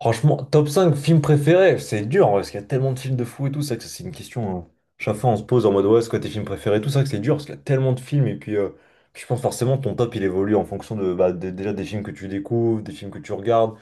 Franchement, top 5 films préférés, c'est dur en vrai, parce qu'il y a tellement de films de fou et tout, ça que ça c'est une question, hein. Chaque fois on se pose en mode ouais, c'est quoi tes films préférés, tout ça que c'est dur, parce qu'il y a tellement de films, et puis je pense forcément ton top il évolue en fonction de déjà des films que tu découvres, des films que tu regardes,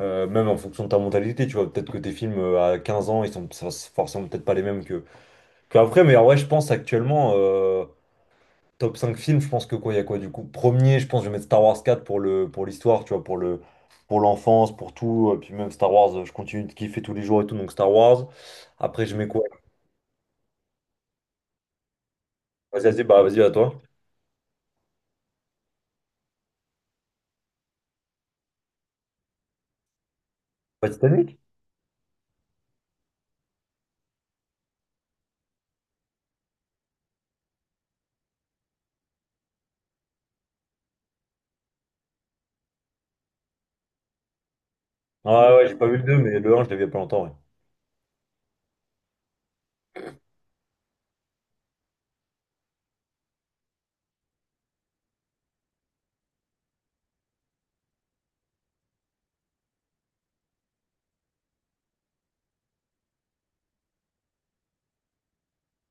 même en fonction de ta mentalité, tu vois, peut-être que tes films à 15 ans, c'est forcément peut-être pas les mêmes que après, mais en vrai je pense actuellement. Top 5 films, je pense que quoi, il y a quoi du coup? Premier, je pense que je vais mettre Star Wars quatre pour le, pour l'histoire, tu vois, pour le, pour l'enfance, pour tout. Puis même Star Wars, je continue de kiffer tous les jours et tout, donc Star Wars. Après, je mets quoi? Vas-y, vas-y, bah vas-y, à toi. Pas Titanic? Ah ouais, ouais, j'ai pas vu le 2, mais le un, je l'ai vu il y a pas longtemps, ouais.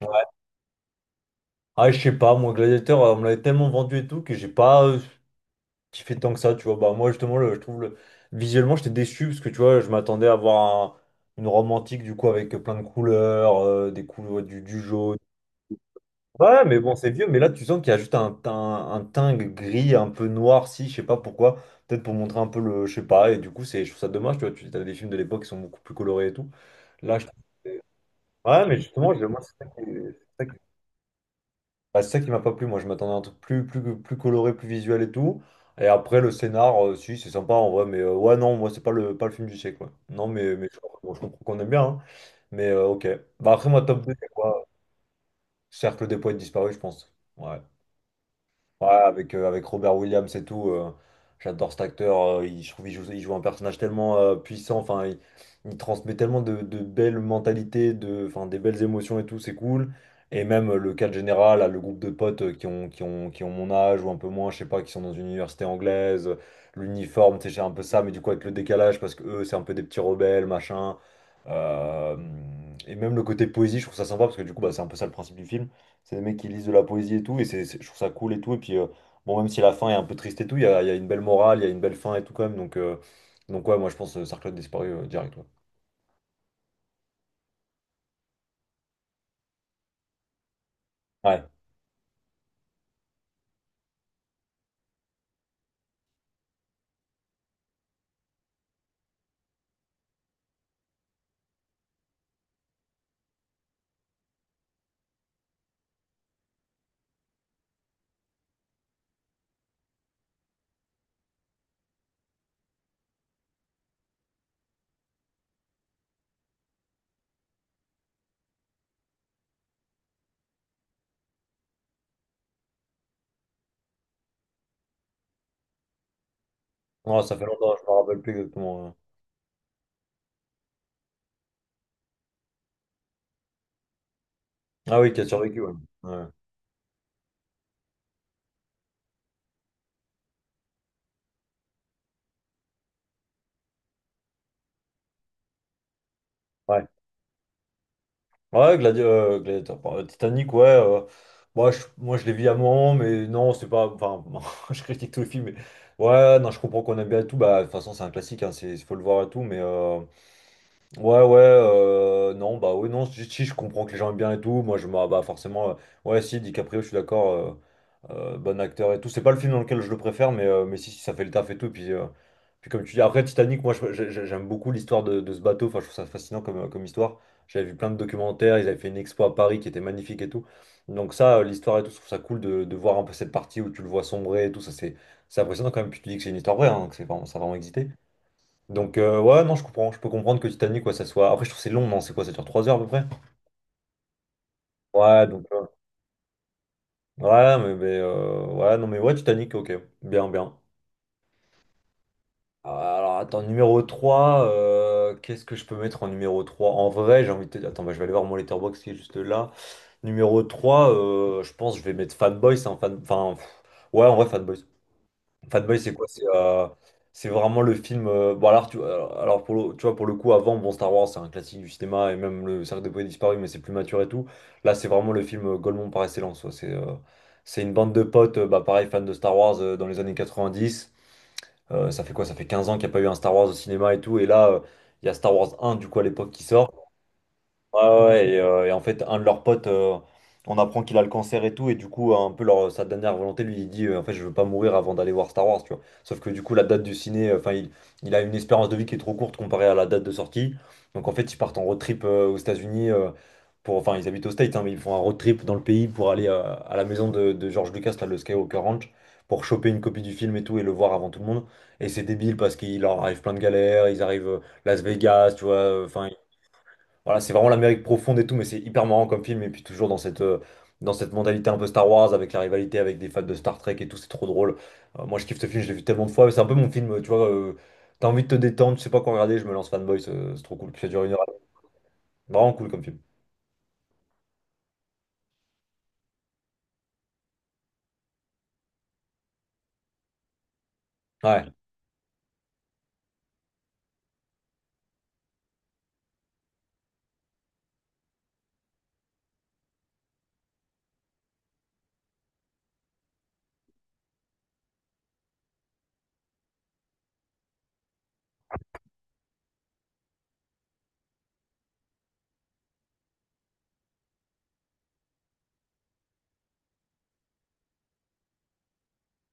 Ouais. Ah, je sais pas, moi, Gladiator, on me l'avait tellement vendu et tout que j'ai pas kiffé tant que ça, tu vois. Bah, moi, justement, le, je trouve le visuellement, j'étais déçu parce que, tu vois, je m'attendais à voir une romantique, du coup. Avec plein de couleurs, des couleurs, du jaune. Ouais, ouais, mais bon, c'est vieux, mais là, tu sens qu'il y a juste un teint gris, un peu noir, si je sais pas pourquoi, peut-être pour montrer un peu le, je sais pas, et du coup, c'est, je trouve ça dommage, tu vois, tu as des films de l'époque qui sont beaucoup plus colorés et tout. Là, je Ouais, mais justement, moi, c'est ça qui, bah, c'est ça qui m'a pas plu, moi, je m'attendais à un truc plus, plus, plus coloré, plus visuel et tout, et après, le scénar, si, c'est sympa en vrai, mais ouais, non, moi, c'est pas le, pas le film du siècle, quoi. Non, mais je bon, je comprends qu'on aime bien, hein. Mais ok. Bah, après, moi, top 2, c'est quoi? Cercle des poètes disparus, je pense. Ouais. Ouais, avec avec Robert Williams et tout, j'adore cet acteur. Il, je trouve qu'il joue, il joue un personnage tellement puissant. Enfin, il transmet tellement de belles mentalités, de, enfin, des belles émotions et tout, c'est cool. Et même le cadre général, là, le groupe de potes qui ont, qui ont, qui ont mon âge ou un peu moins, je sais pas, qui sont dans une université anglaise, l'uniforme, c'est un peu ça, mais du coup avec le décalage, parce que eux, c'est un peu des petits rebelles, machin. Euh, et même le côté poésie, je trouve ça sympa, parce que du coup, bah, c'est un peu ça le principe du film. C'est des mecs qui lisent de la poésie et tout, et c'est, je trouve ça cool et tout. Et puis, bon, même si la fin est un peu triste et tout, il y a une belle morale, il y a une belle fin et tout quand même. Donc, ouais, moi je pense Sarclot disparu direct. Ouais. Ouais. Non, ça fait longtemps, je me rappelle plus exactement. Ah oui, qui a survécu, ouais. Ouais, ouais. Ouais, Gladiateur. Bon, Titanic, ouais. Moi, je, moi, je l'ai vu à un moment, mais non, c'est pas. Enfin, je critique tout le film, mais ouais, non, je comprends qu'on aime bien et tout. Bah, de toute façon, c'est un classique, hein, c'est, faut le voir et tout, mais. Ouais, ouais, non, bah oui, non, si, si, je comprends que les gens aiment bien et tout, moi je me, bah forcément, ouais, si, DiCaprio, je suis d'accord, bon acteur et tout, c'est pas le film dans lequel je le préfère, mais si, si, ça fait le taf et tout, puis comme tu dis, après Titanic, moi je- j'ai- j'aime beaucoup l'histoire de ce bateau, enfin je trouve ça fascinant comme, comme histoire, j'avais vu plein de documentaires, ils avaient fait une expo à Paris qui était magnifique et tout, donc ça, l'histoire et tout, je trouve ça cool de voir un peu cette partie où tu le vois sombrer et tout, ça c'est impressionnant quand même, puis tu dis que c'est une histoire vraie, hein, que c'est vraiment, ça a vraiment existé. Donc, ouais, non, je comprends. Je peux comprendre que Titanic, quoi, ça soit. Après, je trouve que c'est long, non? C'est quoi? Ça dure 3 heures à peu près? Ouais, donc. Ouais, mais. Ouais, non, mais ouais, Titanic, ok. Bien, bien. Alors, attends, numéro 3 qu'est-ce que je peux mettre en numéro trois? En vrai, j'ai envie de te dire. Attends, bah, je vais aller voir mon letterbox qui est juste là. Numéro 3 je pense que je vais mettre Fanboys, hein, ouais, en vrai, Fanboys. Fatboy, c'est quoi? C'est vraiment le film. Bon, alors, pour le, tu vois, pour le coup, avant, bon, Star Wars, c'est un classique du cinéma, et même le Cercle des Poètes Disparus, mais c'est plus mature et tout. Là, c'est vraiment le film Golemont par excellence, quoi. C'est une bande de potes, bah, pareil, fans de Star Wars dans les années 90. Ça fait quoi? Ça fait 15 ans qu'il n'y a pas eu un Star Wars au cinéma et tout. Et là, il y a Star Wars 1, du coup, à l'époque, qui sort. Ouais, ouais, ouais, et et en fait, un de leurs potes, on apprend qu'il a le cancer et tout, et du coup, un peu leur, sa dernière volonté, lui, il dit, en fait, je veux pas mourir avant d'aller voir Star Wars, tu vois. Sauf que du coup, la date du ciné, enfin, il a une espérance de vie qui est trop courte comparée à la date de sortie. Donc, en fait, ils partent en road trip aux États-Unis, pour, enfin, ils habitent aux States, hein, mais ils font un road trip dans le pays pour aller à la maison de George Lucas, là, le Skywalker Ranch, pour choper une copie du film et tout, et le voir avant tout le monde. Et c'est débile parce qu'il leur arrive plein de galères, ils arrivent Las Vegas, tu vois, enfin, voilà, c'est vraiment l'Amérique profonde et tout, mais c'est hyper marrant comme film. Et puis toujours dans cette, dans cette mentalité un peu Star Wars, avec la rivalité avec des fans de Star Trek et tout, c'est trop drôle. Moi, je kiffe ce film, je l'ai vu tellement de fois. C'est un peu mon film, tu vois. T'as envie de te détendre, tu sais pas quoi regarder, je me lance Fanboy, c'est trop cool. Puis ça dure une heure. Vraiment cool comme film. Ouais.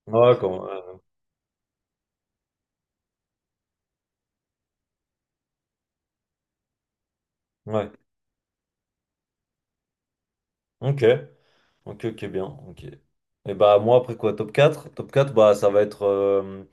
Ouais, ouais. Ouais. Ok. Ok, ok, bien. Ok. Et bah, moi, après quoi, top quatre. Top 4 bah, ça va être.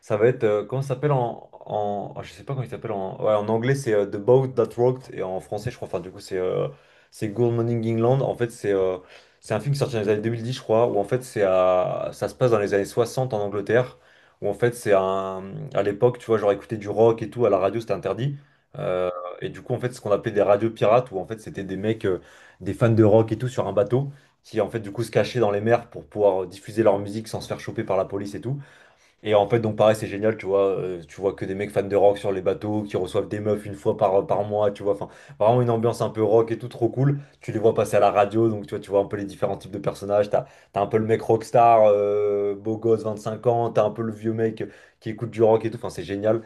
Ça va être, comment ça s'appelle en, en, ah, je sais pas comment il s'appelle en, ouais, en anglais c'est The Boat That Rocked et en français je crois, enfin du coup c'est Good Morning England. En fait c'est un film qui est sorti dans les années 2010 je crois, où en fait c'est à, ça se passe dans les années 60 en Angleterre, où en fait c'est un, à l'époque tu vois genre écouter du rock et tout à la radio c'était interdit. Euh, et du coup en fait ce qu'on appelait des radios pirates, où en fait c'était des mecs, des fans de rock et tout sur un bateau, qui en fait du coup se cachaient dans les mers pour pouvoir diffuser leur musique sans se faire choper par la police et tout. Et en fait, donc pareil, c'est génial, tu vois que des mecs fans de rock sur les bateaux, qui reçoivent des meufs une fois par, par mois, tu vois, enfin, vraiment une ambiance un peu rock et tout, trop cool. Tu les vois passer à la radio, donc tu vois un peu les différents types de personnages, t'as, t'as un peu le mec rockstar, beau gosse, 25 ans, t'as un peu le vieux mec qui écoute du rock et tout, enfin, c'est génial.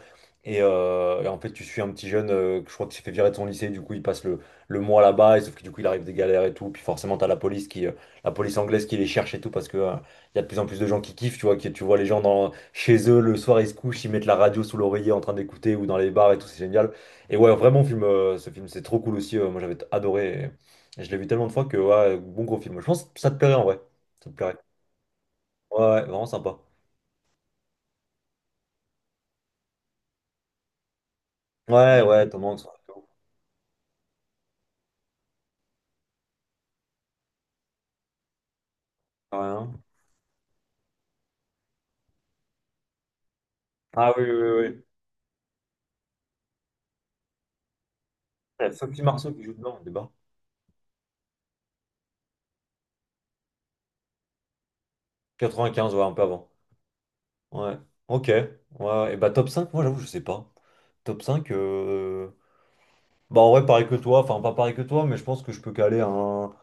Et en fait, tu suis un petit jeune, que je crois qu'il s'est fait virer de son lycée, du coup, il passe le mois là-bas, et sauf que du coup, il arrive des galères et tout, puis forcément, t'as la police qui, la police anglaise qui les cherche et tout, parce que, il y a de plus en plus de gens qui kiffent, tu vois, qui, tu vois les gens dans chez eux le soir, ils se couchent, ils mettent la radio sous l'oreiller en train d'écouter ou dans les bars et tout, c'est génial. Et ouais, vraiment, ce film, c'est trop cool aussi. Moi, j'avais adoré. Et je l'ai vu tellement de fois que, ouais, bon gros film. Je pense que ça te plairait en vrai. Ça te plairait. Ouais, ouais, vraiment sympa. Ouais, ouais, Tom Hanks, ouais. Rien. Ah oui, oui, oui. Il y a Sophie Marceau qui joue dedans au débat. 95, ouais, un peu avant. Ouais. Ok. Ouais. Ouais. Et bah top 5 moi j'avoue, je sais pas. Top 5 bah en vrai, pareil que toi, enfin pas pareil que toi, mais je pense que je peux caler un.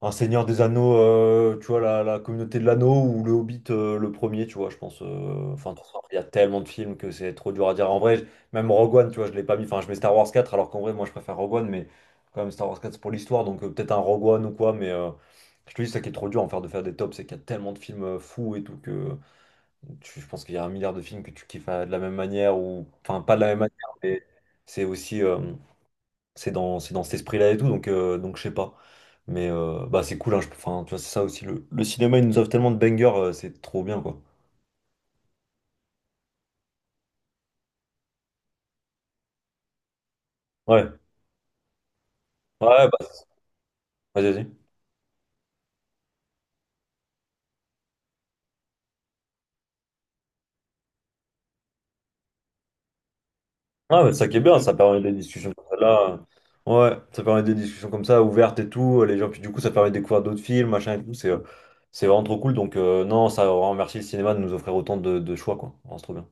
Un Seigneur des Anneaux, tu vois, la communauté de l'anneau ou le Hobbit, le premier, tu vois, je pense. Enfin, de toute façon, il y a tellement de films que c'est trop dur à dire. En vrai, même Rogue One, tu vois, je l'ai pas mis. Enfin, je mets Star Wars quatre alors qu'en vrai, moi, je préfère Rogue One, mais quand même, Star Wars quatre c'est pour l'histoire, donc peut-être un Rogue One ou quoi, mais je te dis, c'est ça qui est trop dur en faire de faire des tops, c'est qu'il y a tellement de films fous et tout que je pense qu'il y a un milliard de films que tu kiffes de la même manière, ou enfin, pas de la même manière, mais c'est aussi. C'est dans, c'est dans cet esprit-là et tout, donc je sais pas. Mais bah, c'est cool, hein, enfin, tu vois, c'est ça aussi. Le cinéma, il nous offre tellement de bangers, c'est trop bien, quoi. Ouais, ouais, bah, vas-y, vas-y. Ah, bah, ça qui est bien, ça permet des discussions comme ça, là. Ouais, ça permet des discussions comme ça, ouvertes et tout. Les gens, puis du coup, ça permet de découvrir d'autres films, machin et tout. C'est vraiment trop cool. Donc, non, ça, on remercie le cinéma de nous offrir autant de choix, quoi. Vraiment, c'est trop bien.